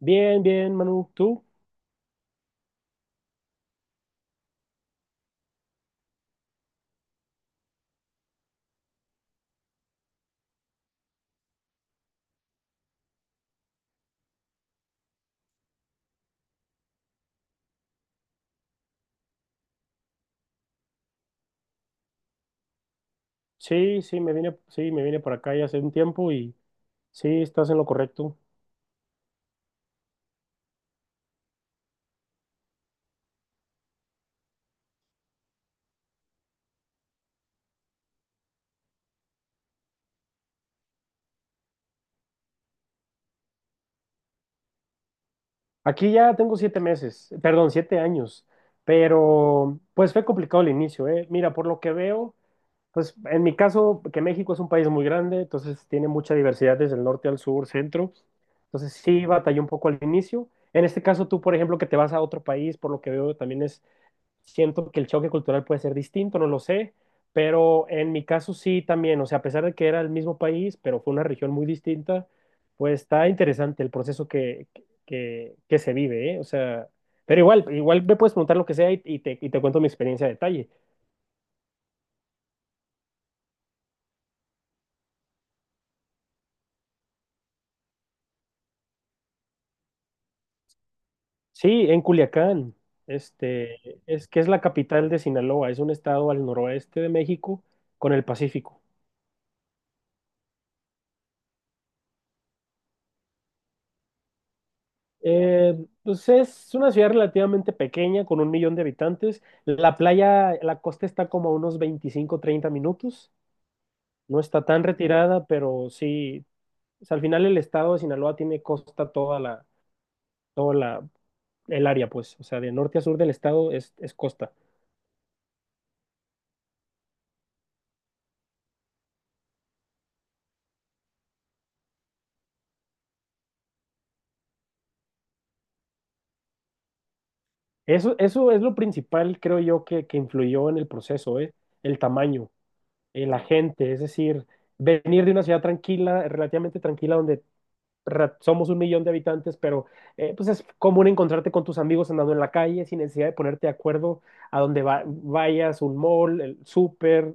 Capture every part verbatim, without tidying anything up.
Bien, bien, Manu. ¿Tú? Sí, sí, me vine, sí, me vine por acá ya hace un tiempo y sí, estás en lo correcto. Aquí ya tengo siete meses, perdón, siete años, pero pues fue complicado el inicio, ¿eh? Mira, por lo que veo, pues en mi caso, que México es un país muy grande, entonces tiene mucha diversidad desde el norte al sur, centro, entonces sí batallé un poco al inicio. En este caso, tú, por ejemplo, que te vas a otro país, por lo que veo, también siento que el choque cultural puede ser distinto, no lo sé, pero en mi caso sí también, o sea, a pesar de que era el mismo país, pero fue una región muy distinta, pues está interesante el proceso que, que, que se vive, ¿eh? O sea, pero igual, igual me puedes preguntar lo que sea y, y te, y te cuento mi experiencia a detalle. Sí, en Culiacán, este, es que es la capital de Sinaloa, es un estado al noroeste de México con el Pacífico. Eh, pues es una ciudad relativamente pequeña, con un millón de habitantes. La playa, la costa está como a unos veinticinco, treinta minutos. No está tan retirada, pero sí, o sea, al final el estado de Sinaloa tiene costa toda la, toda la, el área, pues, o sea, de norte a sur del estado es, es costa. Eso, eso es lo principal, creo yo, que, que influyó en el proceso, ¿eh? El tamaño, eh, la gente, es decir, venir de una ciudad tranquila, relativamente tranquila, donde ra- somos un millón de habitantes, pero eh, pues es común encontrarte con tus amigos andando en la calle sin necesidad de ponerte de acuerdo a donde va- vayas, un mall, el súper,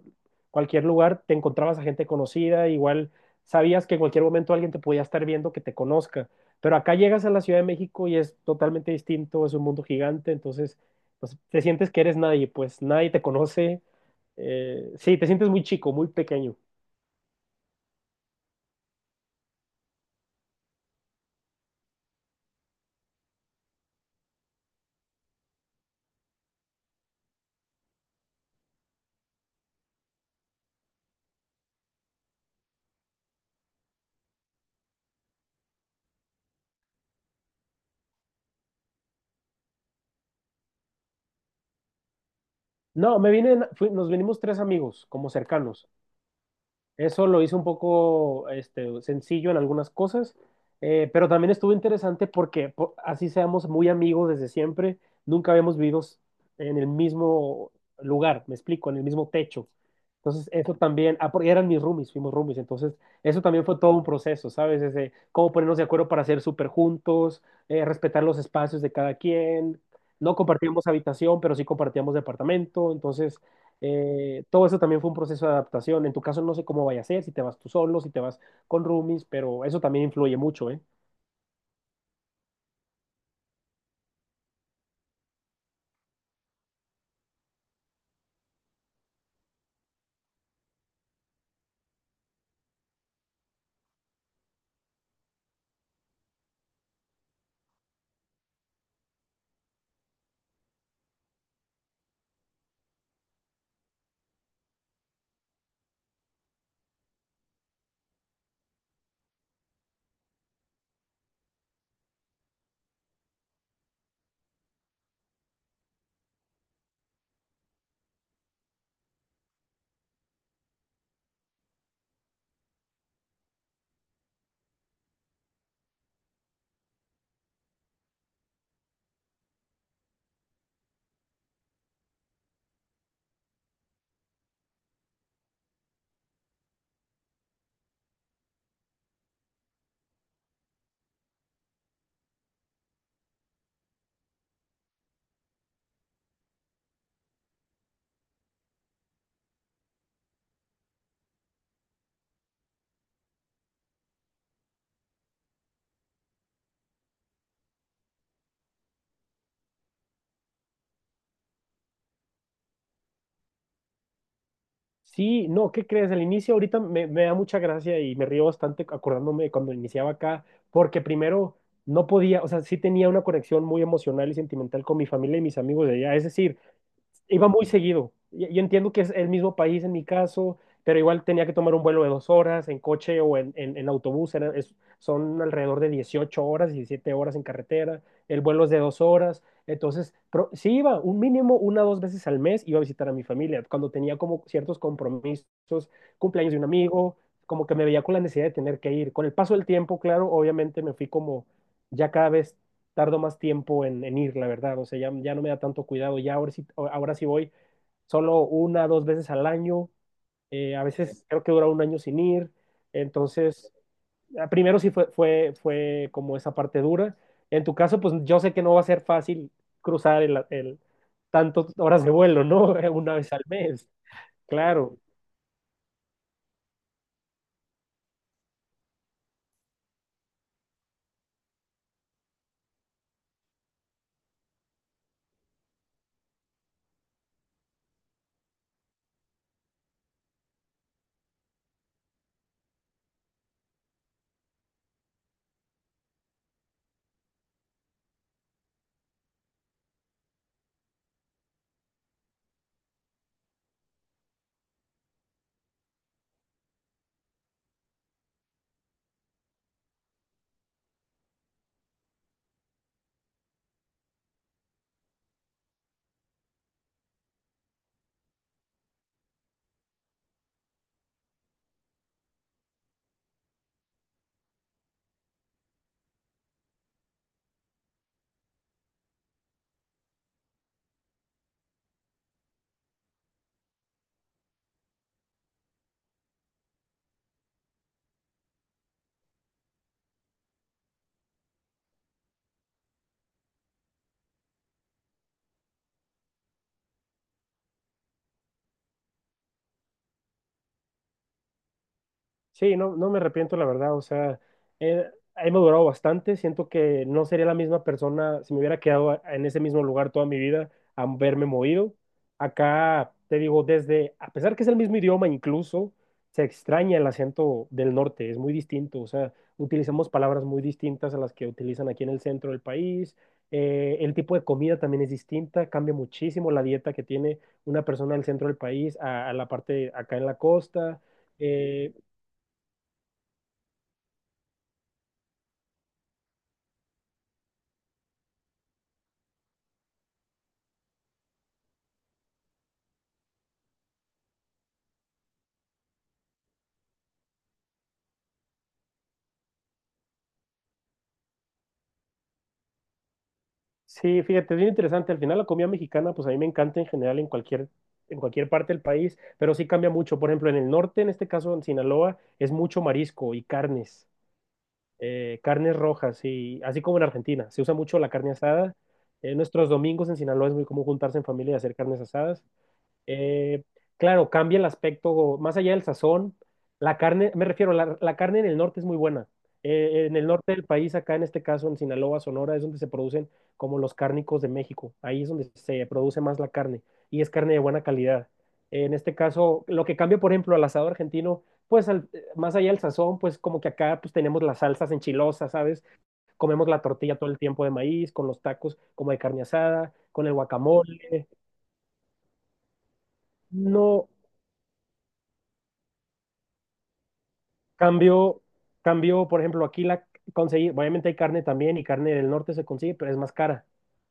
cualquier lugar, te encontrabas a gente conocida, igual sabías que en cualquier momento alguien te podía estar viendo que te conozca, pero acá llegas a la Ciudad de México y es totalmente distinto, es un mundo gigante, entonces pues, te sientes que eres nadie, pues nadie te conoce, eh, sí, te sientes muy chico, muy pequeño. No, me vine, fui- nos vinimos tres amigos, como cercanos. Eso lo hizo un poco este, sencillo en algunas cosas, eh, pero también estuvo interesante porque po- así seamos muy amigos desde siempre, nunca habíamos vivido en el mismo lugar, me explico, en el mismo techo. Entonces, eso también, ah, porque eran mis roomies, fuimos roomies, entonces eso también fue todo un proceso, ¿sabes? Desde cómo ponernos de acuerdo para ser súper juntos, eh, respetar los espacios de cada quien, no compartíamos habitación, pero sí compartíamos departamento, entonces eh, todo eso también fue un proceso de adaptación. En tu caso no sé cómo vaya a ser, si te vas tú solo, si te vas con roomies, pero eso también influye mucho, ¿eh? Sí, no, ¿qué crees? Al inicio ahorita me, me da mucha gracia y me río bastante acordándome de cuando iniciaba acá, porque primero no podía, o sea, sí tenía una conexión muy emocional y sentimental con mi familia y mis amigos de allá. Es decir, iba muy seguido. Yo yo entiendo que es el mismo país en mi caso, pero igual tenía que tomar un vuelo de dos horas en coche o en, en- en autobús. era- es- son alrededor de dieciocho horas, diecisiete horas en carretera. El vuelo es de dos horas. Entonces, pro- sí iba un mínimo una o dos veces al mes, iba a visitar a mi familia. Cuando tenía como ciertos compromisos, cumpleaños de un amigo, como que me veía con la necesidad de tener que ir. Con el paso del tiempo, claro, obviamente me fui como ya cada vez tardo más tiempo en, en ir, la verdad. O sea, ya, ya no me da tanto cuidado. Ya ahora sí, ahora sí voy solo una, dos veces al año. Eh, a veces creo que dura un año sin ir. Entonces, ah, primero sí fue, fue, fue, como esa parte dura. En tu caso, pues yo sé que no va a ser fácil cruzar el, el tantas horas de vuelo, ¿no? Una vez al mes, claro. Sí, no, no me arrepiento, la verdad. O sea, eh, he madurado bastante. Siento que no sería la misma persona si me hubiera quedado a- en ese mismo lugar toda mi vida, a verme movido. Acá, te digo, desde, a pesar que es el mismo idioma, incluso se extraña el acento del norte, es muy distinto. O sea, utilizamos palabras muy distintas a las que utilizan aquí en el centro del país. Eh, el tipo de comida también es distinta, cambia muchísimo la dieta que tiene una persona del centro del país a, a la parte acá en la costa. eh, Sí, fíjate, es bien interesante. Al final la comida mexicana, pues a mí me encanta en general en cualquier, en cualquier parte del país, pero sí cambia mucho. Por ejemplo, en el norte, en este caso en Sinaloa, es mucho marisco y carnes, eh, carnes rojas, y así como en Argentina, se usa mucho la carne asada. En nuestros domingos en Sinaloa es muy común juntarse en familia y hacer carnes asadas. Eh, claro, cambia el aspecto, más allá del sazón, la carne, me refiero, la, la carne en el norte es muy buena. Eh, en el norte del país, acá en este caso en Sinaloa, Sonora, es donde se producen como los cárnicos de México. Ahí es donde se produce más la carne y es carne de buena calidad. En este caso, lo que cambia, por ejemplo, al asado argentino, pues al- más allá del sazón, pues como que acá pues tenemos las salsas enchilosas, ¿sabes? Comemos la tortilla todo el tiempo de maíz, con los tacos como de carne asada, con el guacamole. No, Cambio, cambio, por ejemplo, aquí la conseguí, obviamente hay carne también y carne del norte se consigue, pero es más cara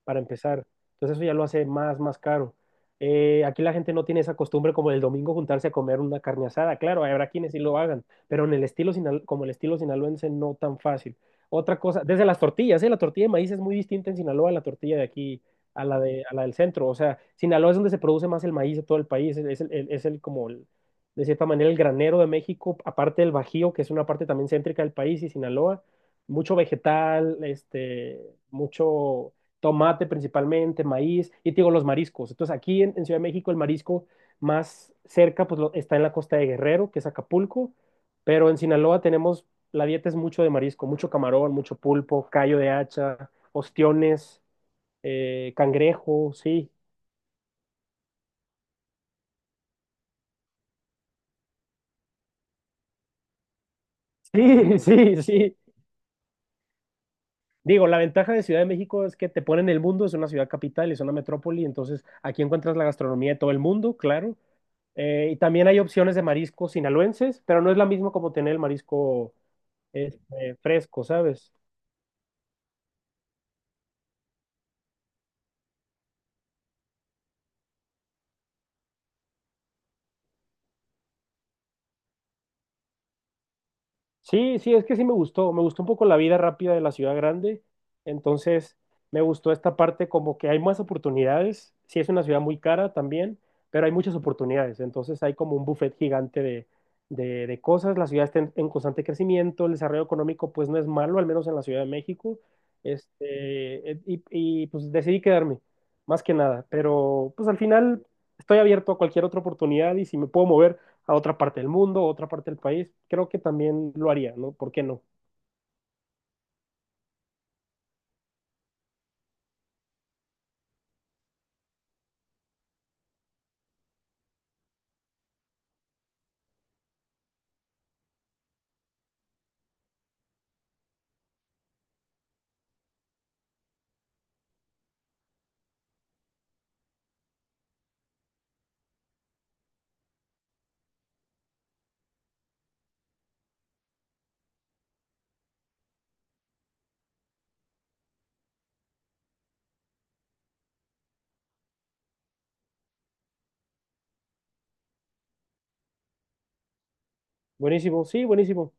para empezar. Entonces eso ya lo hace más, más caro. Eh, aquí la gente no tiene esa costumbre como el domingo juntarse a comer una carne asada. Claro, habrá quienes sí lo hagan, pero en el estilo sinal- como el estilo sinaloense no tan fácil. Otra cosa, desde las tortillas, ¿eh? La tortilla de maíz es muy distinta en Sinaloa a la tortilla de aquí, a la de, a la del centro. O sea, Sinaloa es donde se produce más el maíz de todo el país, es, es el, el- es el como el, de cierta manera el granero de México, aparte del Bajío, que es una parte también céntrica del país, y Sinaloa, mucho vegetal, este, mucho tomate principalmente, maíz, y te digo los mariscos. Entonces aquí en, en, Ciudad de México el marisco más cerca pues lo- está en la costa de Guerrero, que es Acapulco, pero en Sinaloa tenemos, la dieta es mucho de marisco, mucho camarón, mucho pulpo, callo de hacha, ostiones, eh, cangrejo, sí. Sí, sí, sí. Digo, la ventaja de Ciudad de México es que te ponen el mundo, es una ciudad capital, es una metrópoli, entonces aquí encuentras la gastronomía de todo el mundo, claro. Eh, y también hay opciones de mariscos sinaloenses, pero no es la misma como tener el marisco este, fresco, ¿sabes? Sí, sí, es que sí me gustó, me gustó un poco la vida rápida de la ciudad grande, entonces me gustó esta parte como que hay más oportunidades, sí es una ciudad muy cara también, pero hay muchas oportunidades, entonces hay como un buffet gigante de, de, de cosas, la ciudad está en, en constante crecimiento, el desarrollo económico pues no es malo, al menos en la Ciudad de México, este, eh, y, y pues decidí quedarme, más que nada, pero pues al final estoy abierto a cualquier otra oportunidad y si me puedo mover a otra parte del mundo, a otra parte del país, creo que también lo haría, ¿no? ¿Por qué no? Buenísimo, sí, buenísimo.